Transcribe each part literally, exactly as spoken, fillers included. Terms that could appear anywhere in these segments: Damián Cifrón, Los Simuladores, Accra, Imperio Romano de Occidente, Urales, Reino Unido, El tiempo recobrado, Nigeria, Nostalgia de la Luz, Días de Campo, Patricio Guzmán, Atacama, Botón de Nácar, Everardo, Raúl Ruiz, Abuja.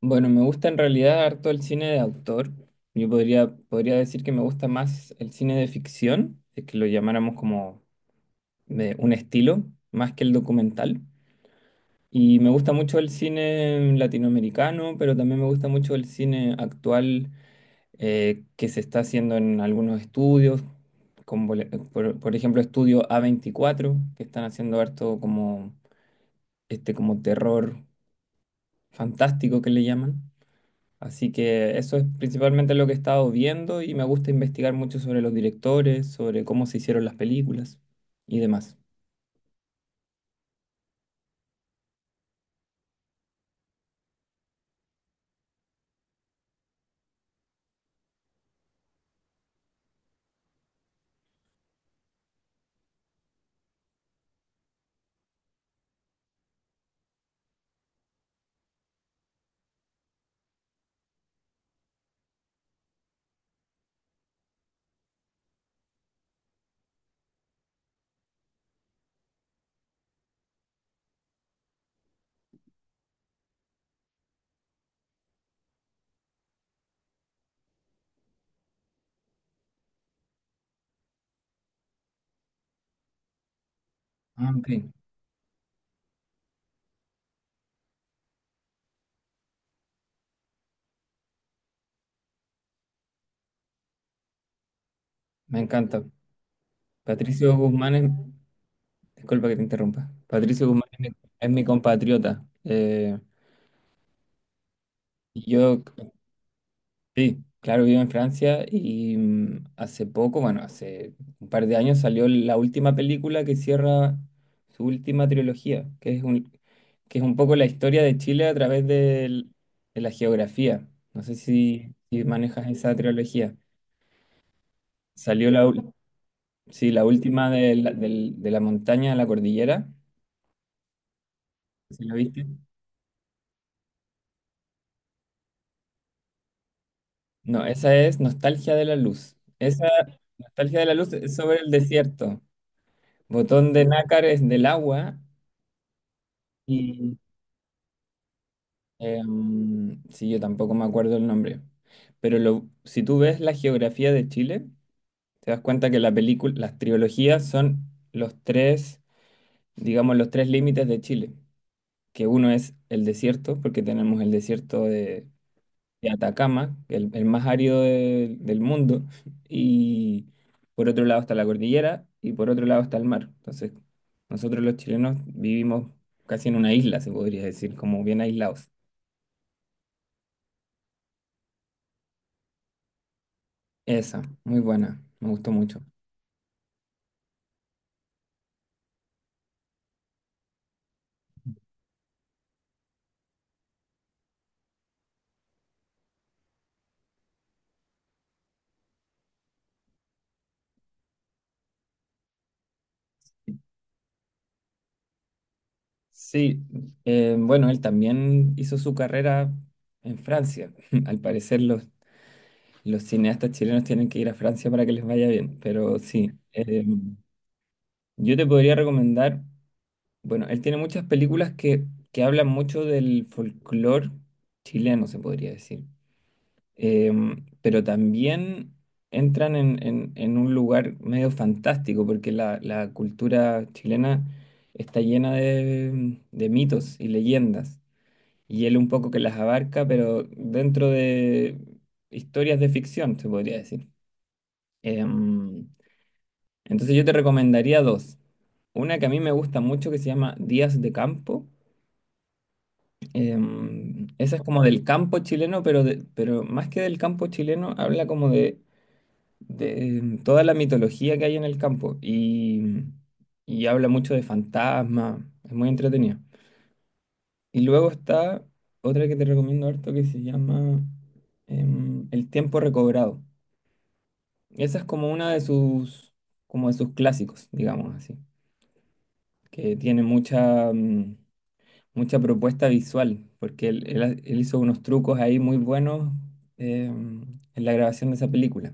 Bueno, me gusta en realidad harto el cine de autor. Yo podría, podría decir que me gusta más el cine de ficción, es que lo llamáramos como de un estilo, más que el documental. Y me gusta mucho el cine latinoamericano, pero también me gusta mucho el cine actual, eh, que se está haciendo en algunos estudios, como por, e- por- por ejemplo estudio a veinticuatro, que están haciendo harto como, este, como terror fantástico que le llaman. Así que eso es principalmente lo que he estado viendo y me gusta investigar mucho sobre los directores, sobre cómo se hicieron las películas y demás. Ah, ok. Me encanta. Patricio Guzmán es, disculpa que te interrumpa. Patricio Guzmán es mi, es mi compatriota. Eh, y yo Sí, claro, vivo en Francia y, mm, hace poco, bueno, hace un par de años salió la última película que cierra su última trilogía, que es un, que es un poco la historia de Chile a través del- de la geografía. No sé si, si manejas esa trilogía. Salió la, ul- sí, la última de la, del- de la montaña a la cordillera. ¿Sí la viste? No, esa es Nostalgia de la Luz. Esa Nostalgia de la Luz es sobre el desierto. Botón de Nácar es del agua. Y em, sí, yo tampoco me acuerdo el nombre. Pero lo, si tú ves la geografía de Chile, te das cuenta que la película, las trilogías son los tres, digamos, los tres límites de Chile. Que uno es el desierto, porque tenemos el desierto de, de Atacama, el, el más árido de- del mundo. Y por otro lado está la cordillera y por otro lado está el mar. Entonces, nosotros los chilenos vivimos casi en una isla, se podría decir, como bien aislados. Esa, muy buena, me gustó mucho. Sí, eh, bueno, él también hizo su carrera en Francia. Al parecer los, los cineastas chilenos tienen que ir a Francia para que les vaya bien, pero sí, eh, yo te podría recomendar, bueno, él tiene muchas películas que, que hablan mucho del folclore chileno, se podría decir. Em, pero también entran en, en- en un lugar medio fantástico, porque la, la cultura chilena está llena de, de mitos y leyendas, y él un poco que las abarca, pero dentro de historias de ficción, se podría decir. Em, entonces yo te recomendaría dos. Una que a mí me gusta mucho que se llama Días de Campo. Em, esa es como del campo chileno, pero, de- pero más que del campo chileno, habla como de de mm, toda la mitología que hay en el campo y, y habla mucho de fantasmas, es muy entretenido. Y luego está otra que te recomiendo harto que se llama em, El tiempo recobrado. Esa es como una de sus, como de sus clásicos, digamos así, que tiene mucha, mm, mucha propuesta visual, porque él, él ha- él hizo unos trucos ahí muy buenos em, en la grabación de esa película.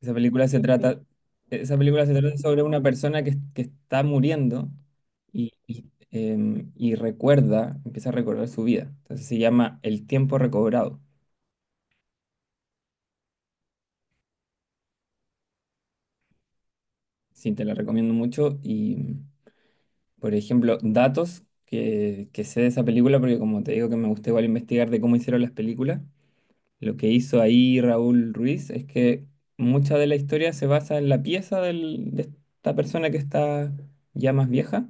Esa película se trata, esa película se trata sobre una persona que, que está muriendo y, y, em, y recuerda, empieza a recordar su vida. Entonces se llama El tiempo recobrado. Sí, te la recomiendo mucho. Y, por ejemplo, datos que, que sé de esa película, porque como te digo que me gusta igual investigar de cómo hicieron las películas, lo que hizo ahí Raúl Ruiz es que mucha de la historia se basa en la pieza del- de esta persona que está ya más vieja.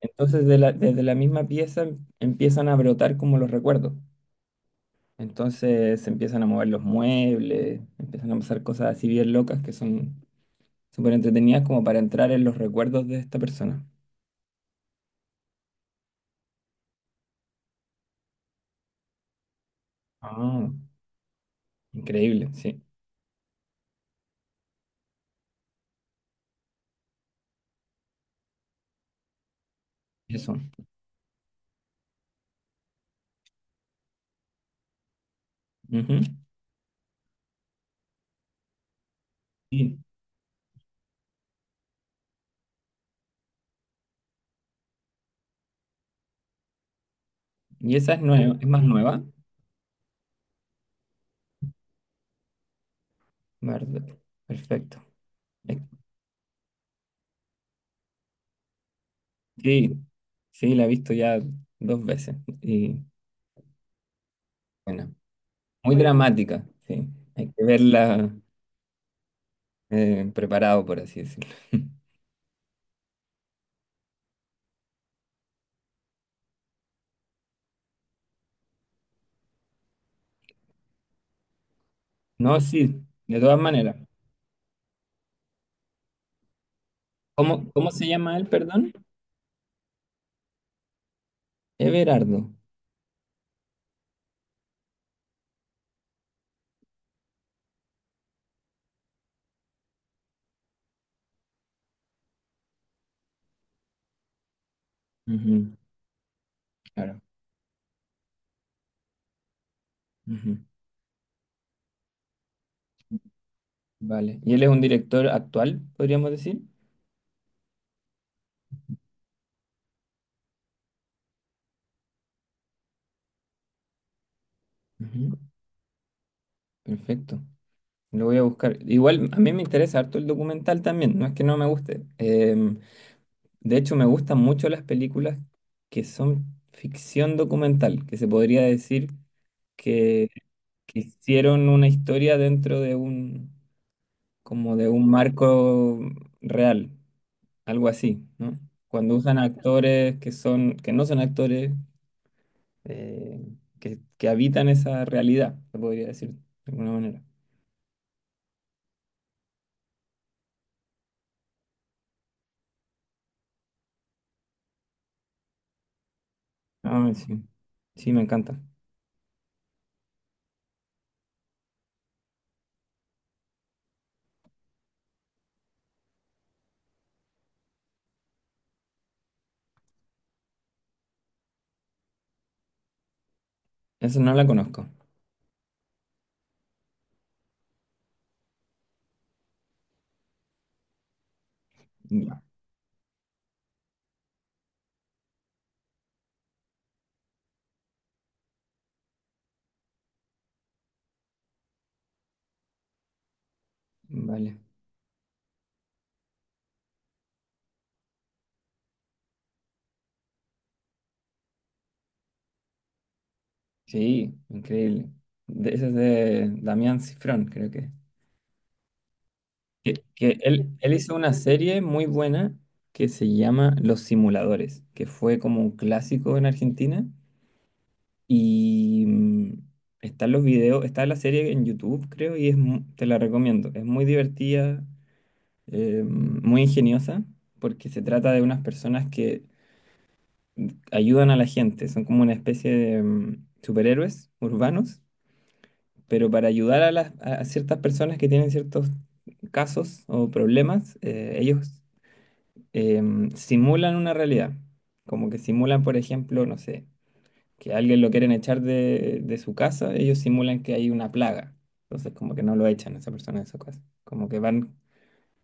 Entonces, de la- desde la misma pieza em- empiezan a brotar como los recuerdos. Entonces, se empiezan a mover los muebles, empiezan a pasar cosas así bien locas que son súper entretenidas como para entrar en los recuerdos de esta persona. Ah, increíble, sí. Eso. Ujú. Sí. Y esa es nueva, es más nueva. Verde. Perfecto. Eh, Sí, sí, la he visto ya dos veces. Y bueno, muy dramática, sí. Hay que verla eh, preparado, por así decirlo. No, sí, de todas maneras. ¿Cómo, cómo se llama él, perdón? Everardo. Ujú, claro. Ujú. Vale. ¿Y él es un director actual, podríamos decir? Ujú. Perfecto. Lo voy a buscar. Igual a mí me interesa harto el documental también, no es que no me guste. Em, de hecho, me gustan mucho las películas que son ficción documental, que se podría decir que, que hicieron una historia dentro de un, como de un marco real. Algo así, ¿no? Cuando usan actores que son, que no son actores, eh, que, que habitan esa realidad, se podría decir de alguna manera. Ah, sí. Sí, me encanta. Eso no la conozco. Ya. Vale. Sí, increíble. De, esa es de Damián Cifrón, creo que. Que, que él, él hizo una serie muy buena que se llama Los Simuladores, que fue como un clásico en Argentina. Y mm, Están los videos, está la serie en YouTube, creo, y es, mu- te la recomiendo. Es muy divertida, eh, muy ingeniosa, porque se trata de unas personas que ayudan a la gente. Son como una especie de mm, superhéroes urbanos, pero para ayudar a, las, a ciertas personas que tienen ciertos casos o problemas, eh, ellos em, simulan una realidad. Como que simulan, por ejemplo, no sé. Que a alguien lo quieren echar de, de su casa, ellos simulan que hay una plaga. Entonces, como que no lo echan a esa persona de su casa. Como que van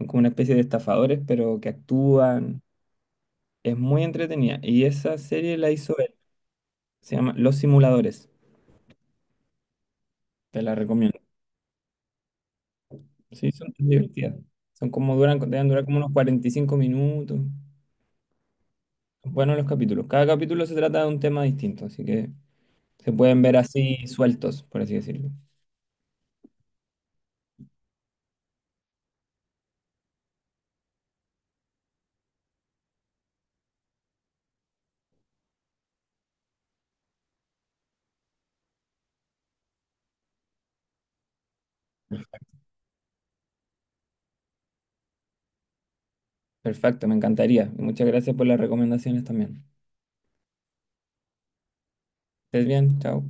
como una especie de estafadores, pero que actúan. Es muy entretenida. Y esa serie la hizo él. Se llama Los Simuladores. Te la recomiendo. Sí, son divertidas. Son como duran, deben durar como unos cuarenta y cinco minutos. Bueno, los capítulos. Cada capítulo se trata de un tema distinto, así que se pueden ver así sueltos, por así decirlo. Perfecto, me encantaría. Y muchas gracias por las recomendaciones también. Estés bien, chao.